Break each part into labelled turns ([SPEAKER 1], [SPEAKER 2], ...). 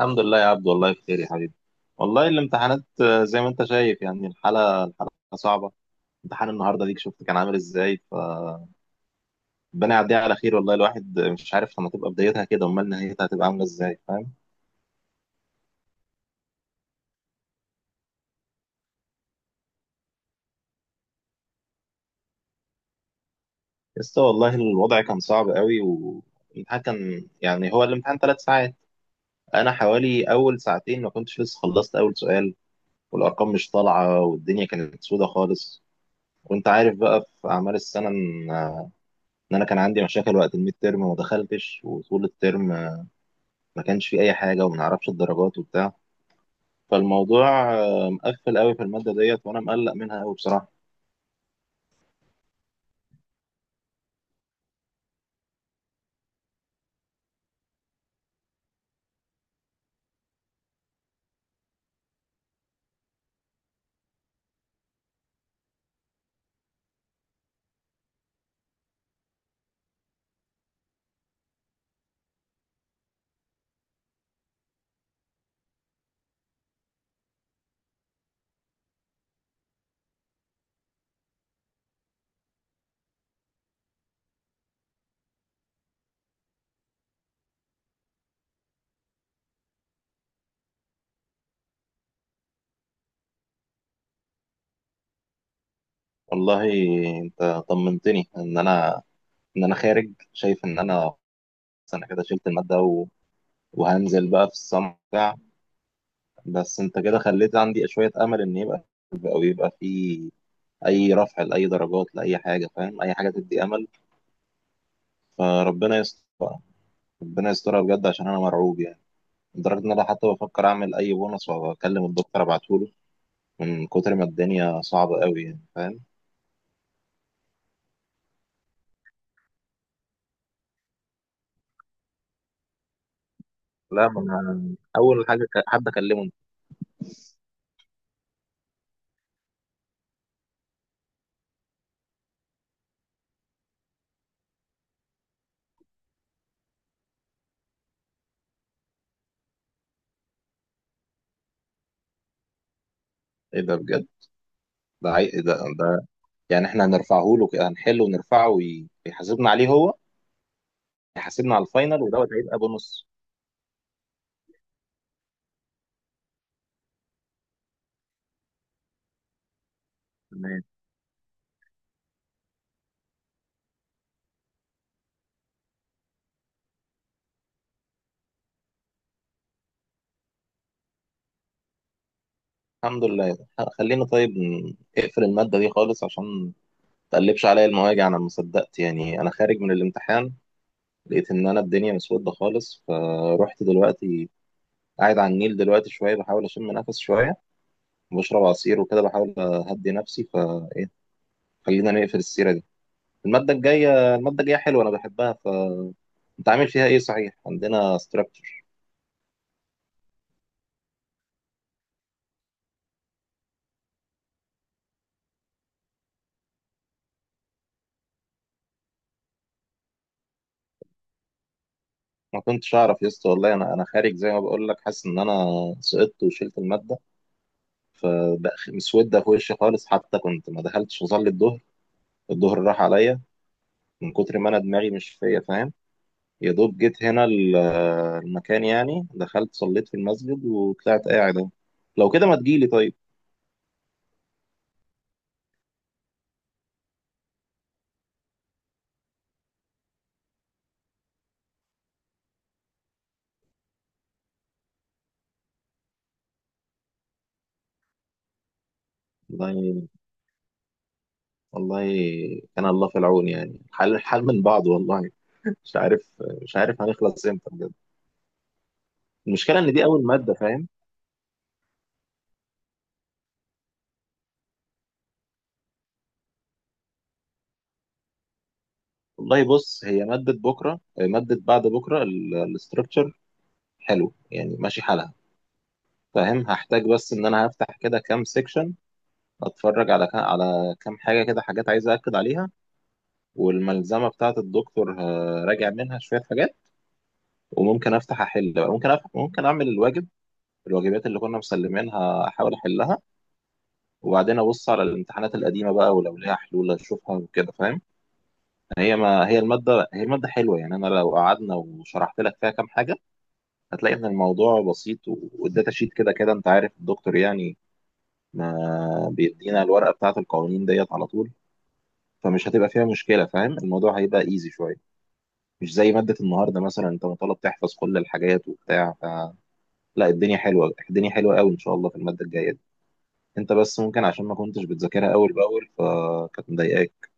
[SPEAKER 1] الحمد لله يا عبد، والله بخير يا حبيبي. والله الامتحانات زي ما انت شايف. يعني الحالة صعبة. امتحان النهارده ديك شفت كان عامل ازاي؟ فربنا يعديها على خير. والله الواحد مش عارف، لما تبقى بدايتها كده امال نهايتها هتبقى عاملة ازاي، فاهم؟ بس والله الوضع كان صعب قوي، والامتحان كان يعني هو الامتحان ثلاث ساعات. انا حوالي اول ساعتين ما كنتش لسه خلصت اول سؤال، والارقام مش طالعة والدنيا كانت سودة خالص. وانت عارف بقى في اعمال السنة ان انا كان عندي مشاكل وقت الميد تيرم وما دخلتش، وطول الترم ما كانش في اي حاجه وما نعرفش الدرجات وبتاع. فالموضوع مقفل قوي في الماده ديت، وانا مقلق منها قوي بصراحه. والله انت طمنتني ان انا خارج شايف ان انا انا كده شلت الماده و وهنزل بقى في الصمت بتاع. بس انت كده خليت عندي شويه امل ان يبقى او يبقى في اي رفع لاي درجات لاي حاجه، فاهم؟ اي حاجه تدي امل. فربنا يستر بقى. ربنا يسترها بجد، عشان انا مرعوب يعني. لدرجة إن أنا حتى بفكر أعمل أي بونص وأكلم الدكتور أبعتهوله، من كتر ما الدنيا صعبة أوي يعني، فاهم؟ لا، ما أنا أول حاجة حد أكلمه. إيه ده بجد؟ إيه ده, يعني إحنا هنرفعه له كده، هنحله ونرفعه ويحاسبنا عليه هو؟ يحاسبنا على الفاينل ودوت هيبقى بونص. تمام. الحمد لله. خلينا طيب اقفل المادة دي خالص، عشان ما تقلبش عليا المواجع. أنا ما صدقت يعني، أنا خارج من الامتحان لقيت إن أنا الدنيا مسودة خالص. فروحت دلوقتي قاعد على النيل دلوقتي شوية، بحاول أشم نفس شوية وبشرب عصير وكده، بحاول أهدي نفسي. فإيه، خلينا نقفل السيرة دي. المادة الجاية، المادة الجاية حلوة أنا بحبها. فأنت عامل فيها إيه صحيح؟ عندنا ستراكشر. ما كنتش أعرف يا اسطى والله. أنا أنا خارج زي ما بقول لك، حاسس إن أنا سقطت وشلت المادة، فمسودة في وشي خالص. حتى كنت ما دخلتش أصلي الظهر، الظهر راح عليا، من كتر ما أنا دماغي مش فيا، فاهم؟ يا دوب جيت هنا المكان يعني، دخلت صليت في المسجد وطلعت قاعد اهو. لو كده ما تجيلي طيب. والله. والله، كان الله في العون يعني. الحال الحال من بعض والله. مش عارف، مش عارف هنخلص امتى بجد. المشكله ان دي اول ماده، فاهم؟ والله بص، هي ماده بكره ماده بعد بكره الاستراكشر حلو، يعني ماشي حالها، فاهم. هحتاج بس ان انا هفتح كده كام سيكشن، اتفرج على كام على كام حاجه كده، حاجات عايز اكد عليها. والملزمه بتاعه الدكتور هراجع منها شويه حاجات. وممكن افتح احل بقى، ممكن أفتح ممكن اعمل الواجب، الواجبات اللي كنا مسلمينها احاول احلها. وبعدين ابص على الامتحانات القديمه بقى، ولو ليها حلول اشوفها وكده، فاهم. هي ما هي الماده هي الماده حلوه، يعني انا لو قعدنا وشرحت لك فيها كام حاجه هتلاقي ان الموضوع بسيط. والداتا شيت كده كده انت عارف الدكتور يعني ما بيدينا الورقه بتاعه القوانين ديت على طول. فمش هتبقى فيها مشكله، فاهم. الموضوع هيبقى ايزي شويه، مش زي مادة النهاردة مثلا، انت مطالب تحفظ كل الحاجات وبتاع لا، الدنيا حلوة، الدنيا حلوة قوي ان شاء الله في المادة الجاية دي. انت بس ممكن عشان ما كنتش بتذاكرها اول باول، فكانت مضايقاك.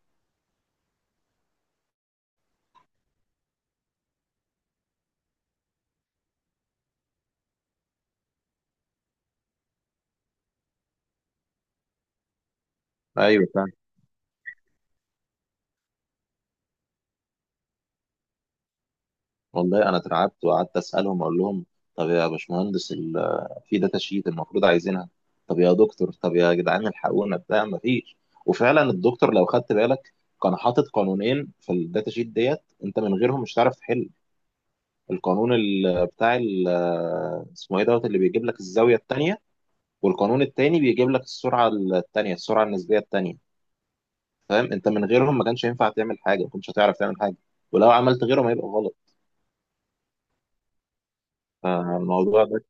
[SPEAKER 1] ايوه فعلا. والله انا اترعبت، وقعدت اسالهم اقول لهم: طب يا باشمهندس، في داتا شيت المفروض عايزينها. طب يا دكتور، طب يا جدعان الحقونا بتاع ما فيش. وفعلا الدكتور لو خدت بالك كان حاطط قانونين في الداتا شيت ديت، انت من غيرهم مش هتعرف تحل. القانون ال- بتاع ال- اسمه ايه دوت اللي بيجيب لك الزاويه الثانيه، والقانون الثاني بيجيب لك السرعه الثانيه، السرعه النسبيه الثانيه. فاهم انت من غيرهم ما كانش ينفع تعمل حاجه، ما كنتش هتعرف تعمل حاجه. ولو عملت غيره ما يبقى غلط. الموضوع ده.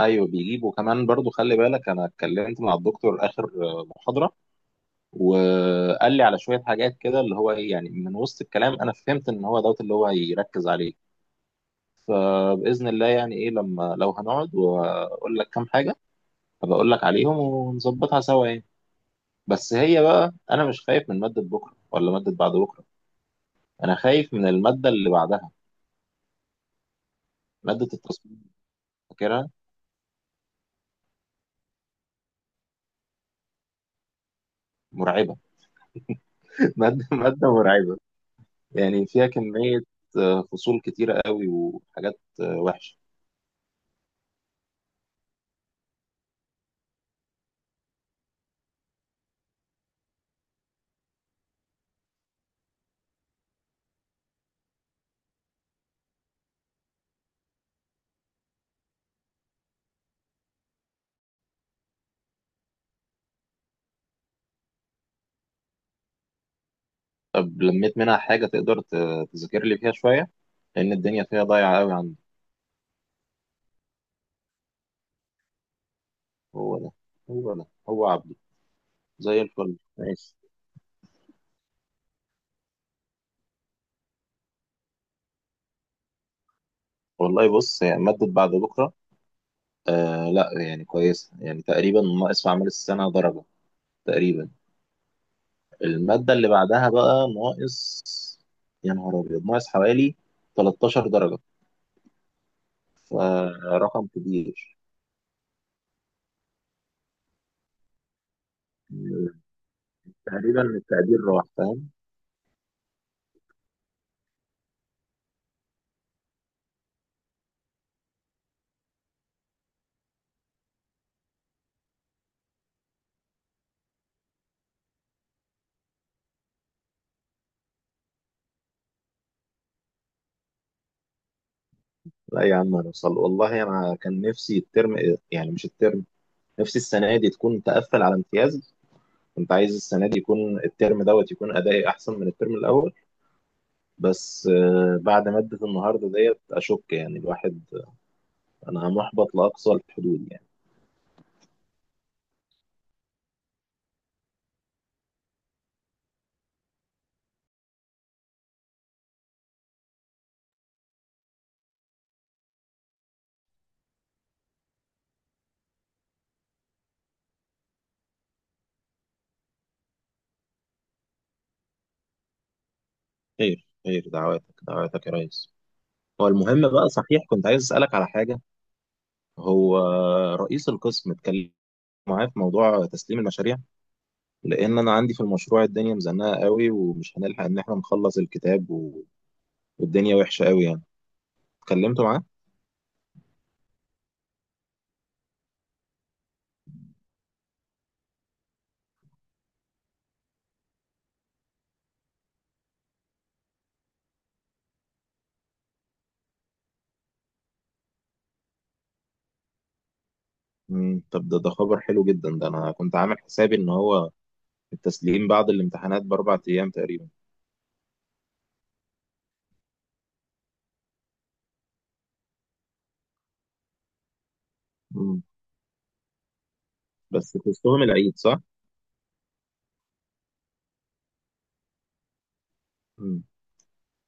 [SPEAKER 1] ايوه، بيجيب. وكمان برضو خلي بالك انا اتكلمت مع الدكتور اخر محاضره، وقال لي على شويه حاجات كده، اللي هو ايه يعني من وسط الكلام انا فهمت ان هو دوت اللي هو هيركز عليه. فباذن الله، يعني ايه لما لو هنقعد واقول لك كام حاجه، هبقول لك عليهم ونظبطها سوا يعني. بس هي بقى، انا مش خايف من ماده بكره ولا ماده بعد بكره، انا خايف من الماده اللي بعدها، ماده التصميم. فاكرها؟ مرعبه. ماده مرعبه، يعني فيها كميه فصول كتيره قوي، وحاجات وحشه. طب لميت منها حاجه؟ تقدر تذاكر لي فيها شويه؟ لان الدنيا فيها ضايعه قوي عندي. هو ده، هو ده هو عبده. زي الفل ماشي. والله بص، هي ماده بعد بكره آه لا يعني كويسه، يعني تقريبا ناقص في اعمال السنه درجه تقريبا. المادة اللي بعدها بقى ناقص، يا نهار أبيض، ناقص حوالي 13 درجة، فرقم كبير. تقريبا التقدير راح، فاهم. لا يا عم، هنوصل والله. أنا كان نفسي الترم، يعني مش الترم، نفسي السنة دي تكون تقفل على امتياز. كنت عايز السنة دي يكون الترم دوت يكون أدائي أحسن من الترم الأول. بس بعد مادة النهاردة ديت أشك، يعني الواحد أنا محبط لأقصى الحدود يعني. خير خير، دعواتك دعواتك يا ريس. هو المهم بقى صحيح، كنت عايز أسألك على حاجة. هو رئيس القسم اتكلم معاه في موضوع تسليم المشاريع؟ لأن أنا عندي في المشروع الدنيا مزنقة قوي، ومش هنلحق إن إحنا نخلص الكتاب و والدنيا وحشة قوي يعني. اتكلمت معاه؟ مم. طب ده خبر حلو جدا ده. أنا كنت عامل حسابي إن هو التسليم بعد الامتحانات بأربع أيام تقريبا. مم. بس في وسطهم العيد صح؟ مم.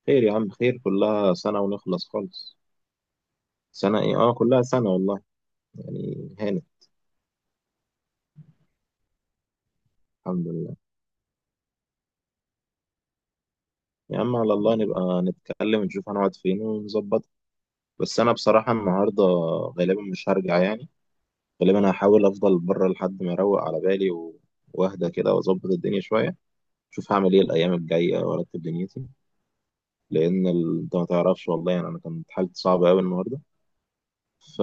[SPEAKER 1] خير يا عم، خير، كلها سنة ونخلص خالص. سنة إيه؟ آه كلها سنة والله. يعني هانت. الحمد لله. يا عم على الله نبقى نتكلم ونشوف هنقعد فين ونظبط. بس انا بصراحة النهاردة غالبا مش هرجع يعني. غالبا هحاول افضل بره لحد ما اروق على بالي، واهدى كده واظبط الدنيا شوية. شوف هعمل ايه الايام الجاية وارتب دنيتي. لان انت ما تعرفش والله، يعني انا كانت حالتي صعبة قوي النهاردة. ف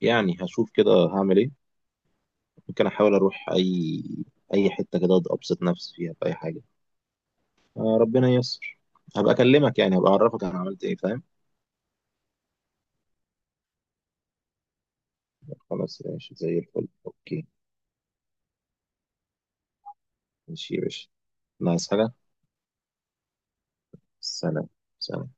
[SPEAKER 1] يعني هشوف كده هعمل ايه. ممكن احاول اروح اي حتة كده ابسط نفسي فيها باي حاجة. ربنا ييسر. هبقى اكلمك يعني، هبقى اعرفك انا عملت ايه، فاهم. خلاص ماشي زي الفل، اوكي. ماشي يا باشا. ناقص حاجة. سلام. سلام.